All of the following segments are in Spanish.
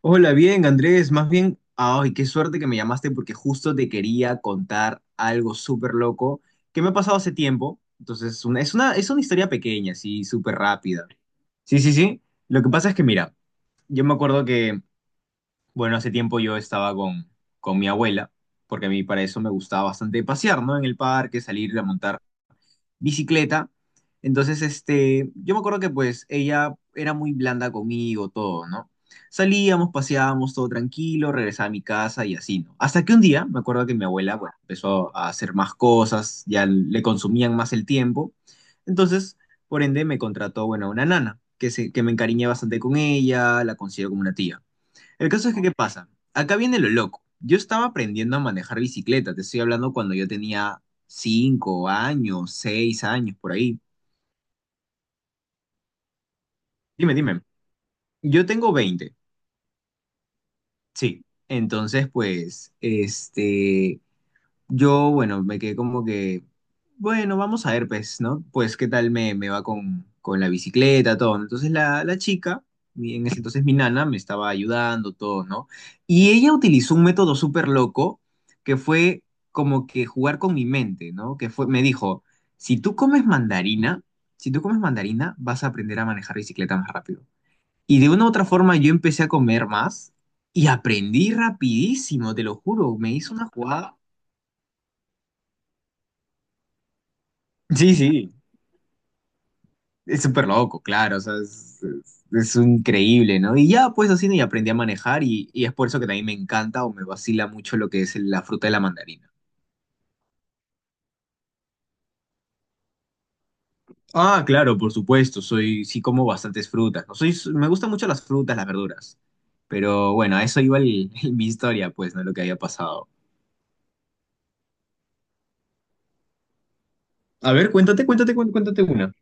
Hola, bien, Andrés. Más bien, ay, qué suerte que me llamaste porque justo te quería contar algo súper loco que me ha pasado hace tiempo. Entonces, es una historia pequeña, así, súper rápida. Sí, sí, sí. Lo que pasa es que, mira, yo me acuerdo que, bueno, hace tiempo yo estaba con mi abuela, porque a mí para eso me gustaba bastante pasear, ¿no? En el parque, salir a montar bicicleta. Entonces, yo me acuerdo que pues ella era muy blanda conmigo, todo, ¿no? Salíamos, paseábamos, todo tranquilo, regresaba a mi casa y así, ¿no? Hasta que un día, me acuerdo que mi abuela, bueno, empezó a hacer más cosas, ya le consumían más el tiempo. Entonces, por ende, me contrató, bueno, a una nana, que me encariñé bastante con ella, la considero como una tía. El caso es que, ¿qué pasa? Acá viene lo loco. Yo estaba aprendiendo a manejar bicicleta, te estoy hablando cuando yo tenía 5 años, 6 años, por ahí. Dime, dime. Yo tengo 20. Sí. Entonces, pues, yo, bueno, me quedé como que, bueno, vamos a ver, pues, ¿no? Pues, ¿qué tal me va con la bicicleta, todo, ¿no? Entonces, la chica, en ese entonces mi nana, me estaba ayudando, todo, ¿no? Y ella utilizó un método súper loco que fue como que jugar con mi mente, ¿no? Que fue, me dijo, si tú comes mandarina, si tú comes mandarina, vas a aprender a manejar bicicleta más rápido. Y de una u otra forma yo empecé a comer más y aprendí rapidísimo, te lo juro, me hizo una jugada. Sí, sí. Es súper loco, claro, o sea, es increíble, ¿no? Y ya, pues así, y aprendí a manejar y es por eso que también me encanta o me vacila mucho lo que es la fruta de la mandarina. Ah, claro, por supuesto, sí como bastantes frutas, ¿no? Soy, me gustan mucho las frutas, las verduras. Pero bueno, a eso iba mi historia, pues, ¿no? Lo que había pasado. A ver, cuéntate una.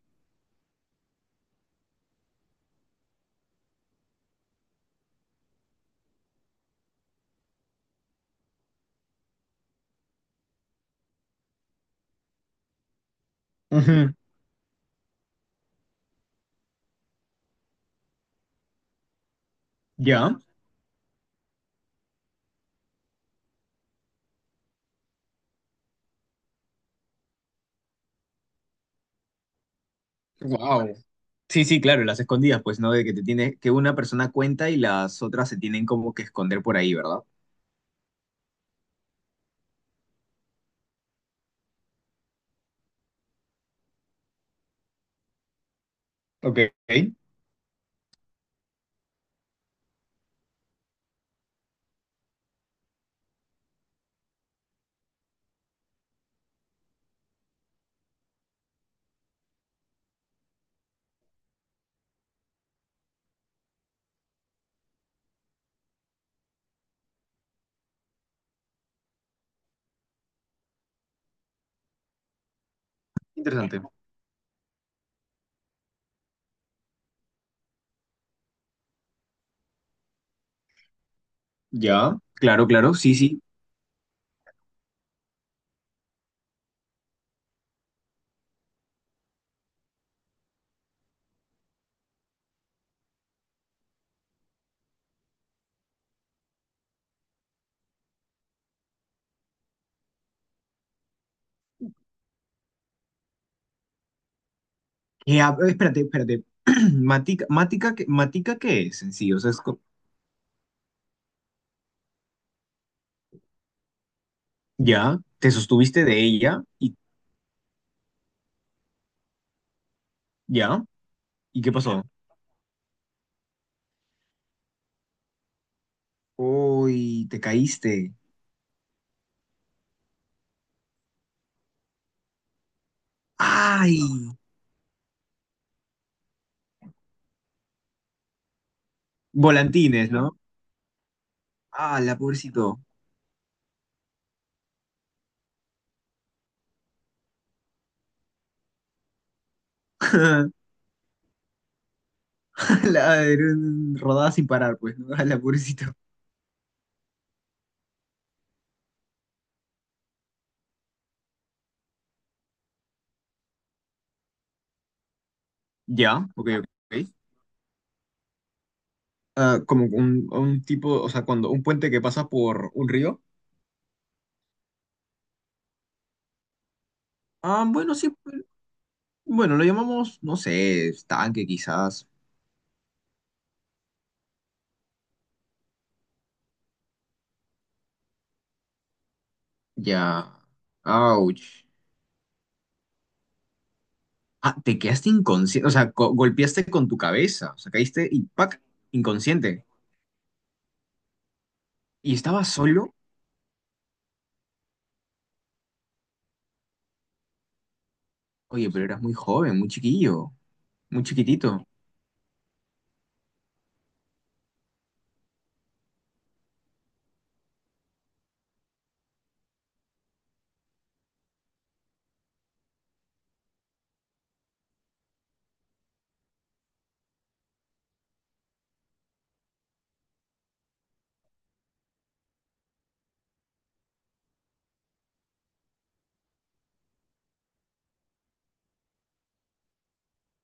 Ujú. ¿Ya? Wow. Sí, sí, claro, las escondidas, pues, ¿no? De que te tiene, que una persona cuenta y las otras se tienen como que esconder por ahí, ¿verdad? Ok. Interesante. Ya, claro, claro, sí, sí. Espérate, espérate. ¿Matica qué es en sí? O sea, es co- Ya, te sostuviste de ella y ya. ¿Y qué pasó? Uy, te caíste. ¡Ay! Volantines, ¿no? ¡Ah, la pobrecito! La, rodada sin parar, pues, ¿no? ¡Ah, la pobrecito! Ya, ok, ok. Ah, como un tipo, o sea, cuando un puente que pasa por un río. Ah, bueno, sí. Bueno, lo llamamos, no sé, estanque quizás. Ya. Ouch. Ah, te quedaste inconsciente, o sea, golpeaste con tu cabeza, o sea, caíste y ¡pac! Inconsciente. ¿Y estabas solo? Oye, pero eras muy joven, muy chiquillo, muy chiquitito.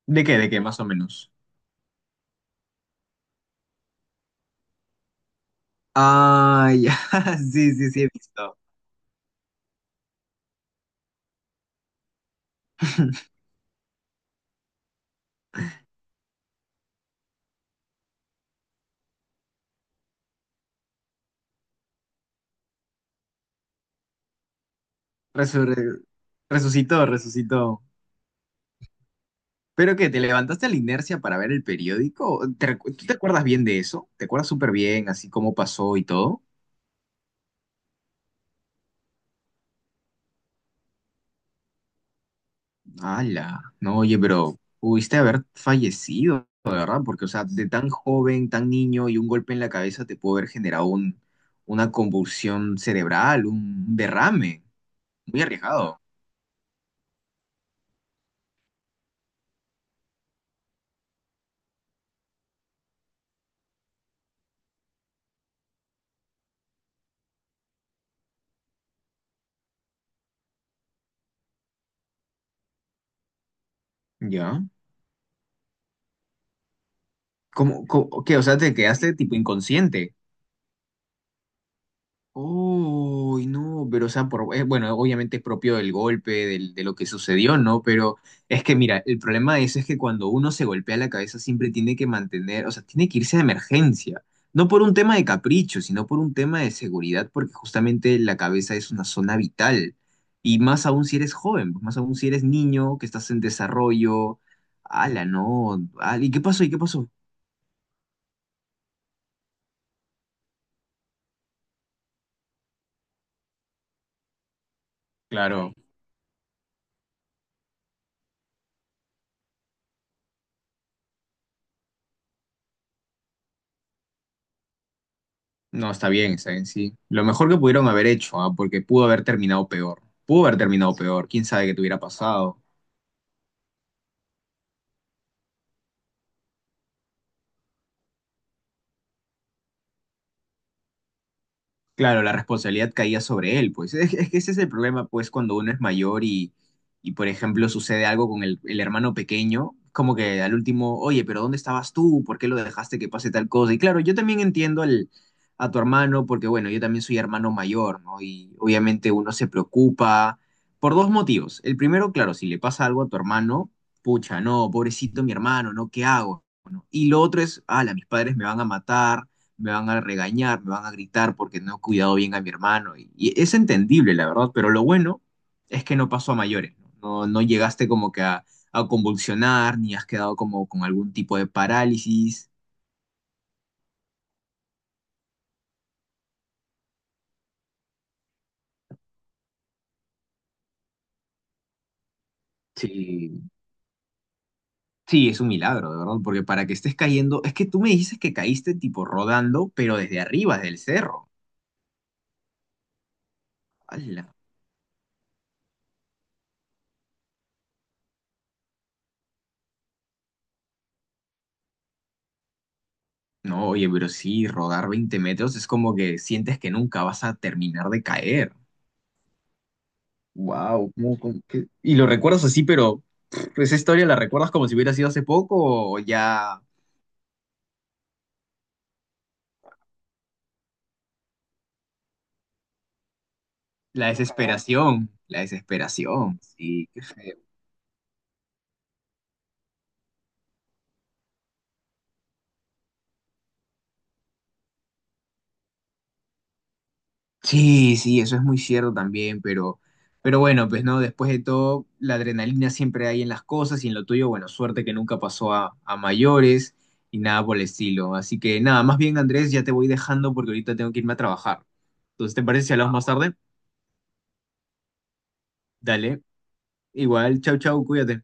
¿De qué? ¿De qué, más o menos? Ah, ya, sí, sí, sí, he visto. Resurre- Resucitó, resucitó. ¿Pero qué? ¿Te levantaste a la inercia para ver el periódico? ¿Tú te acuerdas bien de eso? ¿Te acuerdas súper bien, así cómo pasó y todo? Ala, no, oye, pero pudiste haber fallecido, de verdad, porque, o sea, de tan joven, tan niño y un golpe en la cabeza te pudo haber generado una convulsión cerebral, un derrame, muy arriesgado. ¿Ya? ¿Cómo, qué? O sea, te quedaste tipo inconsciente. Uy, no, pero o sea, por, bueno, obviamente es propio del golpe, de lo que sucedió, ¿no? Pero es que mira, el problema de eso es que cuando uno se golpea la cabeza siempre tiene que mantener, o sea, tiene que irse de emergencia, no por un tema de capricho, sino por un tema de seguridad, porque justamente la cabeza es una zona vital, y más aún si eres joven, más aún si eres niño, que estás en desarrollo, ala, no, ala, ¿y qué pasó? ¿Y qué pasó? Claro. No, está bien, sí. Lo mejor que pudieron haber hecho, ah, porque pudo haber terminado peor. Pudo haber terminado peor. Quién sabe qué te hubiera pasado. Claro, la responsabilidad caía sobre él, pues. Es que ese es el problema, pues, cuando uno es mayor y por ejemplo, sucede algo con el hermano pequeño, como que al último, oye, pero ¿dónde estabas tú? ¿Por qué lo dejaste que pase tal cosa? Y claro, yo también entiendo a tu hermano, porque bueno, yo también soy hermano mayor, ¿no? Y obviamente uno se preocupa por dos motivos. El primero, claro, si le pasa algo a tu hermano, pucha, no, pobrecito mi hermano, ¿no? ¿Qué hago? Bueno, y lo otro es, ala, mis padres me van a matar, me van a regañar, me van a gritar porque no he cuidado bien a mi hermano. Y es entendible, la verdad, pero lo bueno es que no pasó a mayores, ¿no? No, no llegaste como que a convulsionar, ni has quedado como con algún tipo de parálisis. Sí, sí, es un milagro, de verdad, porque para que estés cayendo, es que tú me dices que caíste tipo rodando, pero desde arriba, desde el cerro. ¡Hala! No, oye, pero sí, rodar 20 metros es como que sientes que nunca vas a terminar de caer. Wow, y lo recuerdas así, pero pff, esa historia la recuerdas como si hubiera sido hace poco o ya la desesperación, sí, qué feo. Sí, sí, eso es muy cierto también, pero bueno, pues no, después de todo, la adrenalina siempre hay en las cosas y en lo tuyo, bueno, suerte que nunca pasó a mayores y nada por el estilo. Así que nada, más bien Andrés, ya te voy dejando porque ahorita tengo que irme a trabajar. Entonces, ¿te parece si hablamos más tarde? Dale, igual, chau, chau, cuídate.